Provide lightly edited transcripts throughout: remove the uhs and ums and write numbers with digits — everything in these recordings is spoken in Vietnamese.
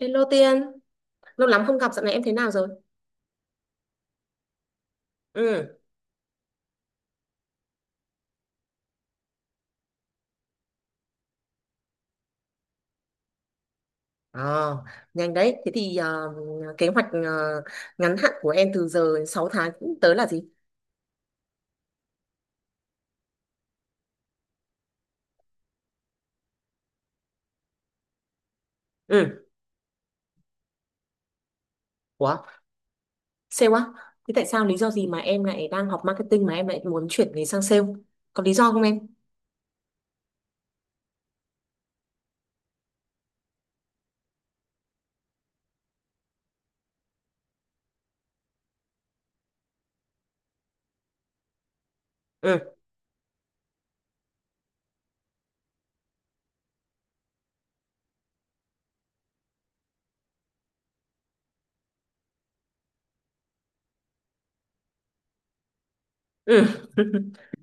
Hello Tiên, lâu lắm không gặp, dạo này em thế nào rồi? Ừ. Ờ, nhanh đấy. Thế thì kế hoạch ngắn hạn của em từ giờ đến 6 tháng cũng tới là gì? Ừ. Ủa, sale á? Thế tại sao lý do gì mà em lại đang học marketing mà em lại muốn chuyển nghề sang sale? Có lý do không em? Ừ, ừ.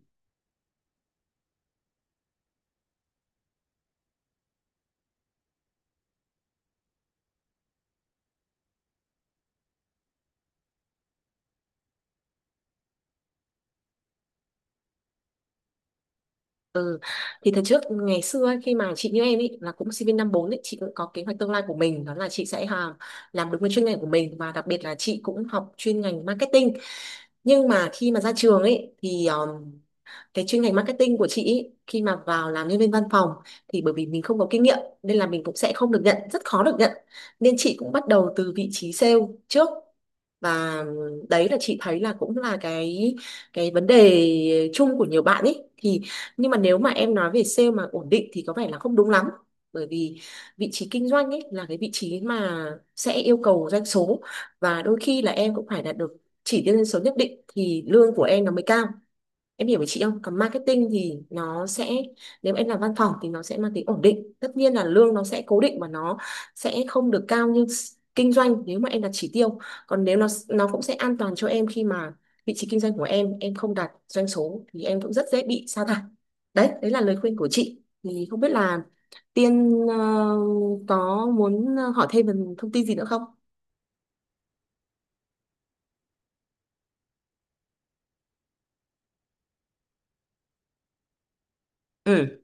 Ừ. Thì thời trước ngày xưa ấy, khi mà chị như em ấy là cũng sinh viên năm 4 ấy, chị cũng có kế hoạch tương lai của mình, đó là chị sẽ làm đúng cái chuyên ngành của mình, và đặc biệt là chị cũng học chuyên ngành marketing. Nhưng mà khi mà ra trường ấy thì cái chuyên ngành marketing của chị ý, khi mà vào làm nhân viên văn phòng thì bởi vì mình không có kinh nghiệm nên là mình cũng sẽ không được nhận, rất khó được nhận, nên chị cũng bắt đầu từ vị trí sale trước. Và đấy là chị thấy là cũng là cái vấn đề chung của nhiều bạn ấy. Thì nhưng mà nếu mà em nói về sale mà ổn định thì có vẻ là không đúng lắm, bởi vì vị trí kinh doanh ấy là cái vị trí mà sẽ yêu cầu doanh số, và đôi khi là em cũng phải đạt được chỉ tiêu doanh số nhất định thì lương của em nó mới cao. Em hiểu với chị không? Còn marketing thì nó sẽ, nếu mà em làm văn phòng thì nó sẽ mang tính ổn định. Tất nhiên là lương nó sẽ cố định và nó sẽ không được cao như kinh doanh nếu mà em đặt chỉ tiêu. Còn nếu nó cũng sẽ an toàn cho em khi mà vị trí kinh doanh của em không đạt doanh số thì em cũng rất dễ bị sa thải. Đấy, đấy là lời khuyên của chị. Thì không biết là Tiên có muốn hỏi thêm về thông tin gì nữa không? Ừ,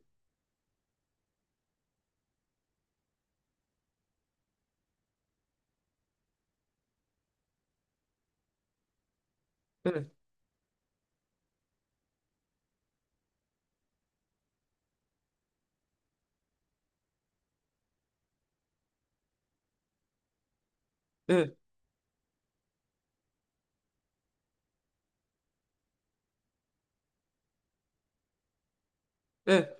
ừ, ừ, ừ.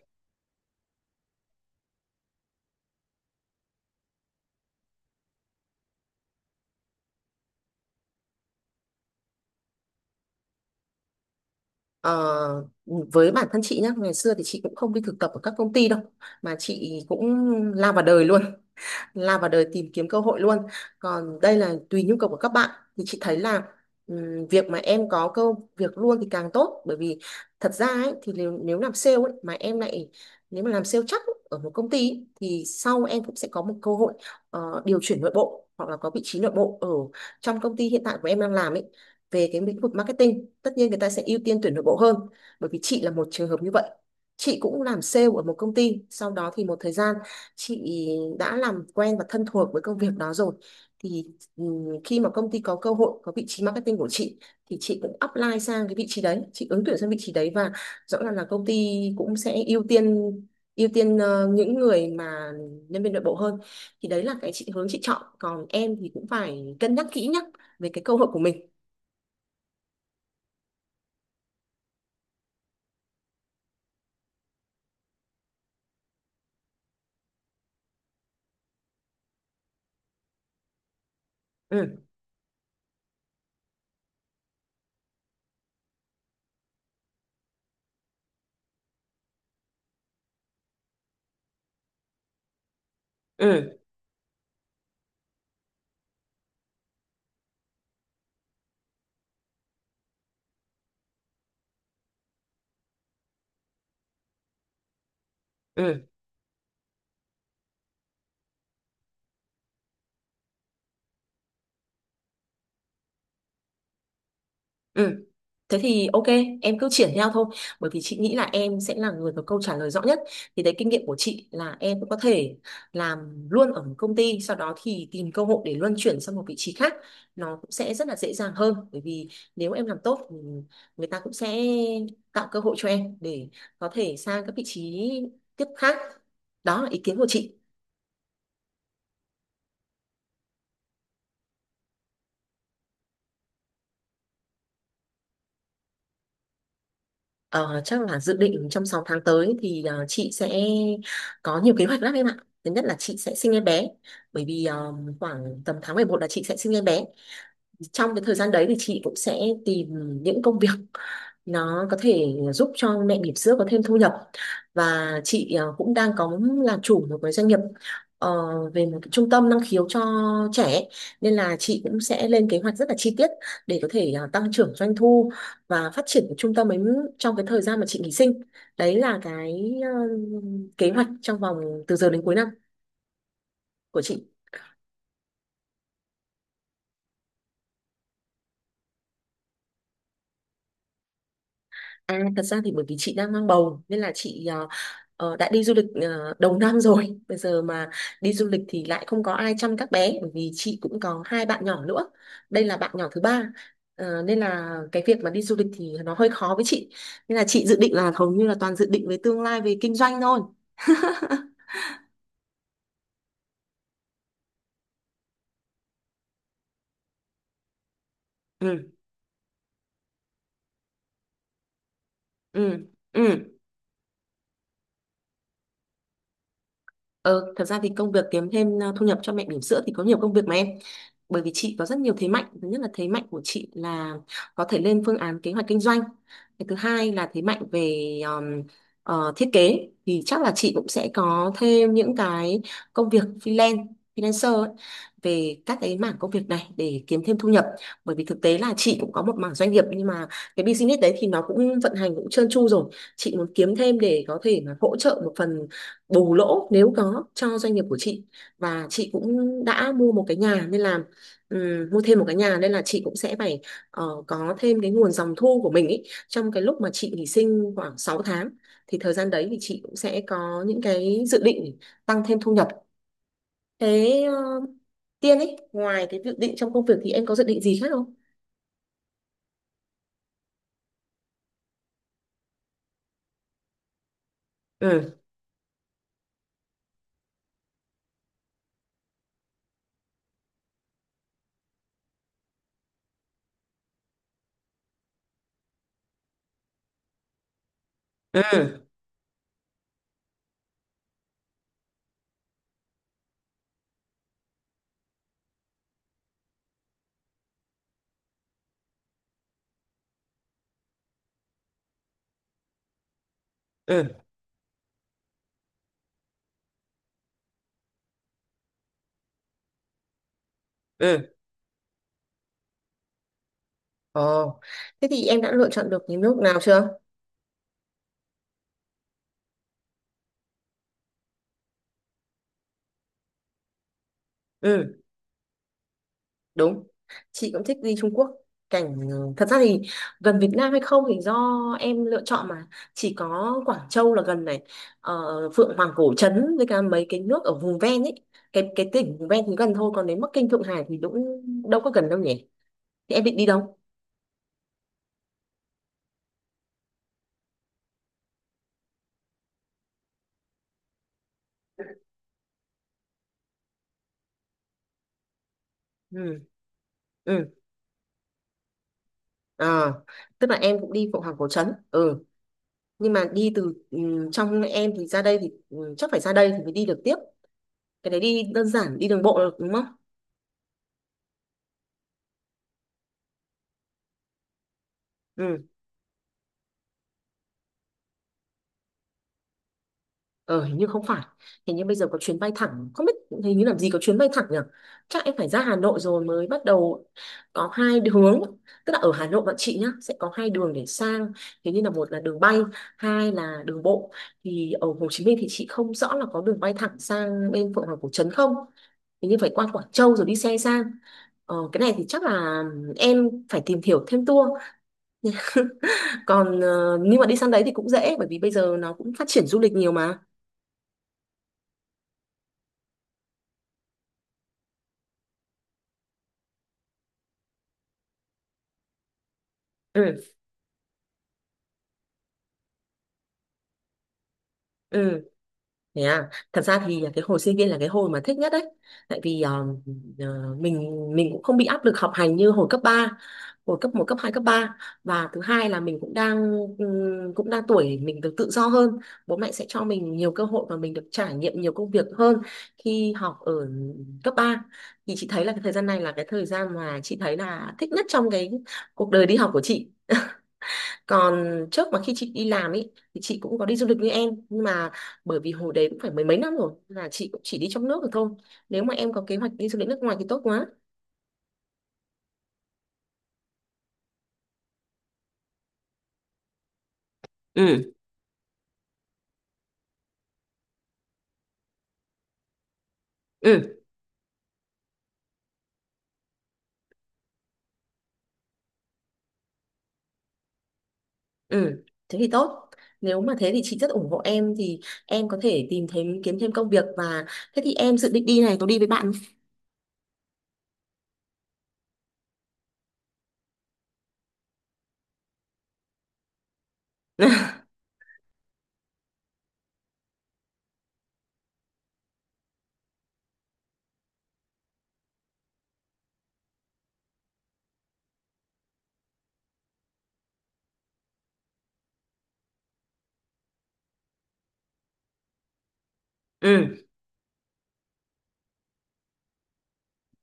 Ờ, với bản thân chị nhá, ngày xưa thì chị cũng không đi thực tập ở các công ty đâu, mà chị cũng lao vào đời luôn, lao vào đời tìm kiếm cơ hội luôn. Còn đây là tùy nhu cầu của các bạn. Thì chị thấy là việc mà em có cơ việc luôn thì càng tốt, bởi vì thật ra ấy, thì nếu nếu làm sale ấy, mà em lại, nếu mà làm sale chắc ấy, ở một công ty ấy, thì sau em cũng sẽ có một cơ hội điều chuyển nội bộ, hoặc là có vị trí nội bộ ở trong công ty hiện tại của em đang làm ấy, về cái lĩnh vực marketing. Tất nhiên người ta sẽ ưu tiên tuyển nội bộ hơn. Bởi vì chị là một trường hợp như vậy, chị cũng làm sale ở một công ty, sau đó thì một thời gian, chị đã làm quen và thân thuộc với công việc đó rồi. Thì khi mà công ty có cơ hội có vị trí marketing của chị, thì chị cũng apply sang cái vị trí đấy, chị ứng tuyển sang vị trí đấy, và rõ ràng là công ty cũng sẽ ưu tiên, ưu tiên những người mà nhân viên nội bộ hơn. Thì đấy là cái chị hướng chị chọn, còn em thì cũng phải cân nhắc kỹ nhá về cái cơ hội của mình. Ừ. Ừ. Ừ. Ừ. Thế thì ok, em cứ triển theo thôi, bởi vì chị nghĩ là em sẽ là người có câu trả lời rõ nhất. Thì đấy, kinh nghiệm của chị là em cũng có thể làm luôn ở một công ty, sau đó thì tìm cơ hội để luân chuyển sang một vị trí khác. Nó cũng sẽ rất là dễ dàng hơn, bởi vì nếu em làm tốt thì người ta cũng sẽ tạo cơ hội cho em để có thể sang các vị trí tiếp khác. Đó là ý kiến của chị. Ờ, chắc là dự định trong 6 tháng tới thì chị sẽ có nhiều kế hoạch lắm em ạ. Thứ nhất là chị sẽ sinh em bé. Bởi vì khoảng tầm tháng 11 là chị sẽ sinh em bé. Trong cái thời gian đấy thì chị cũng sẽ tìm những công việc nó có thể giúp cho mẹ bỉm sữa có thêm thu nhập. Và chị cũng đang có làm chủ một cái doanh nghiệp ờ, về một cái trung tâm năng khiếu cho trẻ, nên là chị cũng sẽ lên kế hoạch rất là chi tiết để có thể tăng trưởng doanh thu và phát triển cái trung tâm ấy trong cái thời gian mà chị nghỉ sinh. Đấy là cái kế hoạch trong vòng từ giờ đến cuối năm của chị. À, thật ra thì bởi vì chị đang mang bầu nên là chị đã đi du lịch đầu năm rồi. Bây giờ mà đi du lịch thì lại không có ai chăm các bé, bởi vì chị cũng có hai bạn nhỏ nữa. Đây là bạn nhỏ thứ ba. Ờ, nên là cái việc mà đi du lịch thì nó hơi khó với chị. Nên là chị dự định là hầu như là toàn dự định với tương lai về kinh doanh thôi. Ừ, ừ, ừ. Ờ, thật ra thì công việc kiếm thêm thu nhập cho mẹ bỉm sữa thì có nhiều công việc mà em. Bởi vì chị có rất nhiều thế mạnh. Thứ nhất là thế mạnh của chị là có thể lên phương án kế hoạch kinh doanh. Cái thứ hai là thế mạnh về thiết kế. Thì chắc là chị cũng sẽ có thêm những cái công việc freelance, freelancer ấy, về các cái mảng công việc này để kiếm thêm thu nhập. Bởi vì thực tế là chị cũng có một mảng doanh nghiệp, nhưng mà cái business đấy thì nó cũng vận hành cũng trơn tru rồi. Chị muốn kiếm thêm để có thể mà hỗ trợ một phần bù lỗ nếu có cho doanh nghiệp của chị. Và chị cũng đã mua một cái nhà nên là, mua thêm một cái nhà nên là chị cũng sẽ phải có thêm cái nguồn dòng thu của mình ý. Trong cái lúc mà chị nghỉ sinh khoảng 6 tháng thì thời gian đấy thì chị cũng sẽ có những cái dự định tăng thêm thu nhập. Thế Tiên ấy, ngoài cái dự định trong công việc thì em có dự định gì khác không? Ừ. Ừ. Ừ. Ừ. Ồ, thế thì em đã lựa chọn được cái nước nào chưa? Ừ. Đúng, chị cũng thích đi Trung Quốc. Cảnh, thật ra thì gần Việt Nam hay không thì do em lựa chọn mà. Chỉ có Quảng Châu là gần này. ờ, Phượng Hoàng Cổ Trấn với cả mấy cái nước ở vùng ven ấy, cái tỉnh vùng ven thì gần thôi, còn đến Bắc Kinh, Thượng Hải thì cũng đâu có gần đâu nhỉ. Thì em định đi đâu? Ừ. Ừ. Ờ, tức là em cũng đi Phượng Hoàng Cổ Trấn, ừ, nhưng mà đi từ trong em thì ra đây, thì chắc phải ra đây thì mới đi được tiếp. Cái đấy đi đơn giản, đi đường bộ được đúng không? Ừ. Ờ, hình như không phải. Hình như bây giờ có chuyến bay thẳng. Không biết, hình như làm gì có chuyến bay thẳng nhỉ. Chắc em phải ra Hà Nội rồi mới bắt đầu. Có hai hướng. Tức là ở Hà Nội bạn chị nhá, sẽ có hai đường để sang. Thế như là, một là đường bay, hai là đường bộ. Thì ở Hồ Chí Minh thì chị không rõ là có đường bay thẳng sang bên Phượng Hoàng Cổ Trấn không. Hình như phải qua Quảng Châu rồi đi xe sang. Ờ, cái này thì chắc là em phải tìm hiểu thêm tour. Còn nhưng mà đi sang đấy thì cũng dễ, bởi vì bây giờ nó cũng phát triển du lịch nhiều mà. Ừ. Ừ. Thế à, thật ra thì cái hồi sinh viên là cái hồi mà thích nhất đấy. Tại vì mình cũng không bị áp lực học hành như hồi cấp 3, hồi cấp một, cấp hai, cấp ba. Và thứ hai là mình cũng đang tuổi mình được tự do hơn. Bố mẹ sẽ cho mình nhiều cơ hội và mình được trải nghiệm nhiều công việc hơn khi học ở cấp ba. Thì chị thấy là cái thời gian này là cái thời gian mà chị thấy là thích nhất trong cái cuộc đời đi học của chị. Còn trước mà khi chị đi làm ấy, thì chị cũng có đi du lịch như em, nhưng mà bởi vì hồi đấy cũng phải mười mấy năm rồi nên là chị cũng chỉ đi trong nước được thôi. Nếu mà em có kế hoạch đi du lịch nước ngoài thì tốt quá. Ừ. Ừ. Ừ, thế thì tốt. Nếu mà thế thì chị rất ủng hộ em. Thì em có thể tìm thêm, kiếm thêm công việc, và thế thì em dự định đi này có đi với bạn không? Ừ.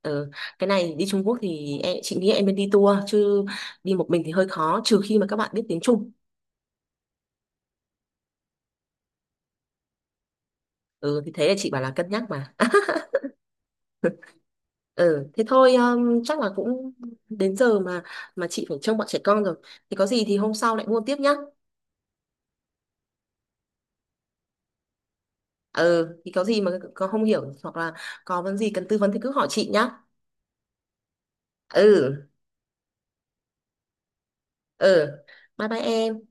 Ừ, cái này đi Trung Quốc thì em, chị nghĩ em nên đi tour chứ đi một mình thì hơi khó, trừ khi mà các bạn biết tiếng Trung. Ừ thì thế là chị bảo là cân nhắc mà. Ừ, thế thôi, chắc là cũng đến giờ mà chị phải trông bọn trẻ con rồi. Thì có gì thì hôm sau lại mua tiếp nhá. Ừ, thì có gì mà có không hiểu hoặc là có vấn gì cần tư vấn thì cứ hỏi chị nhá. Ừ, ừ. Bye bye em.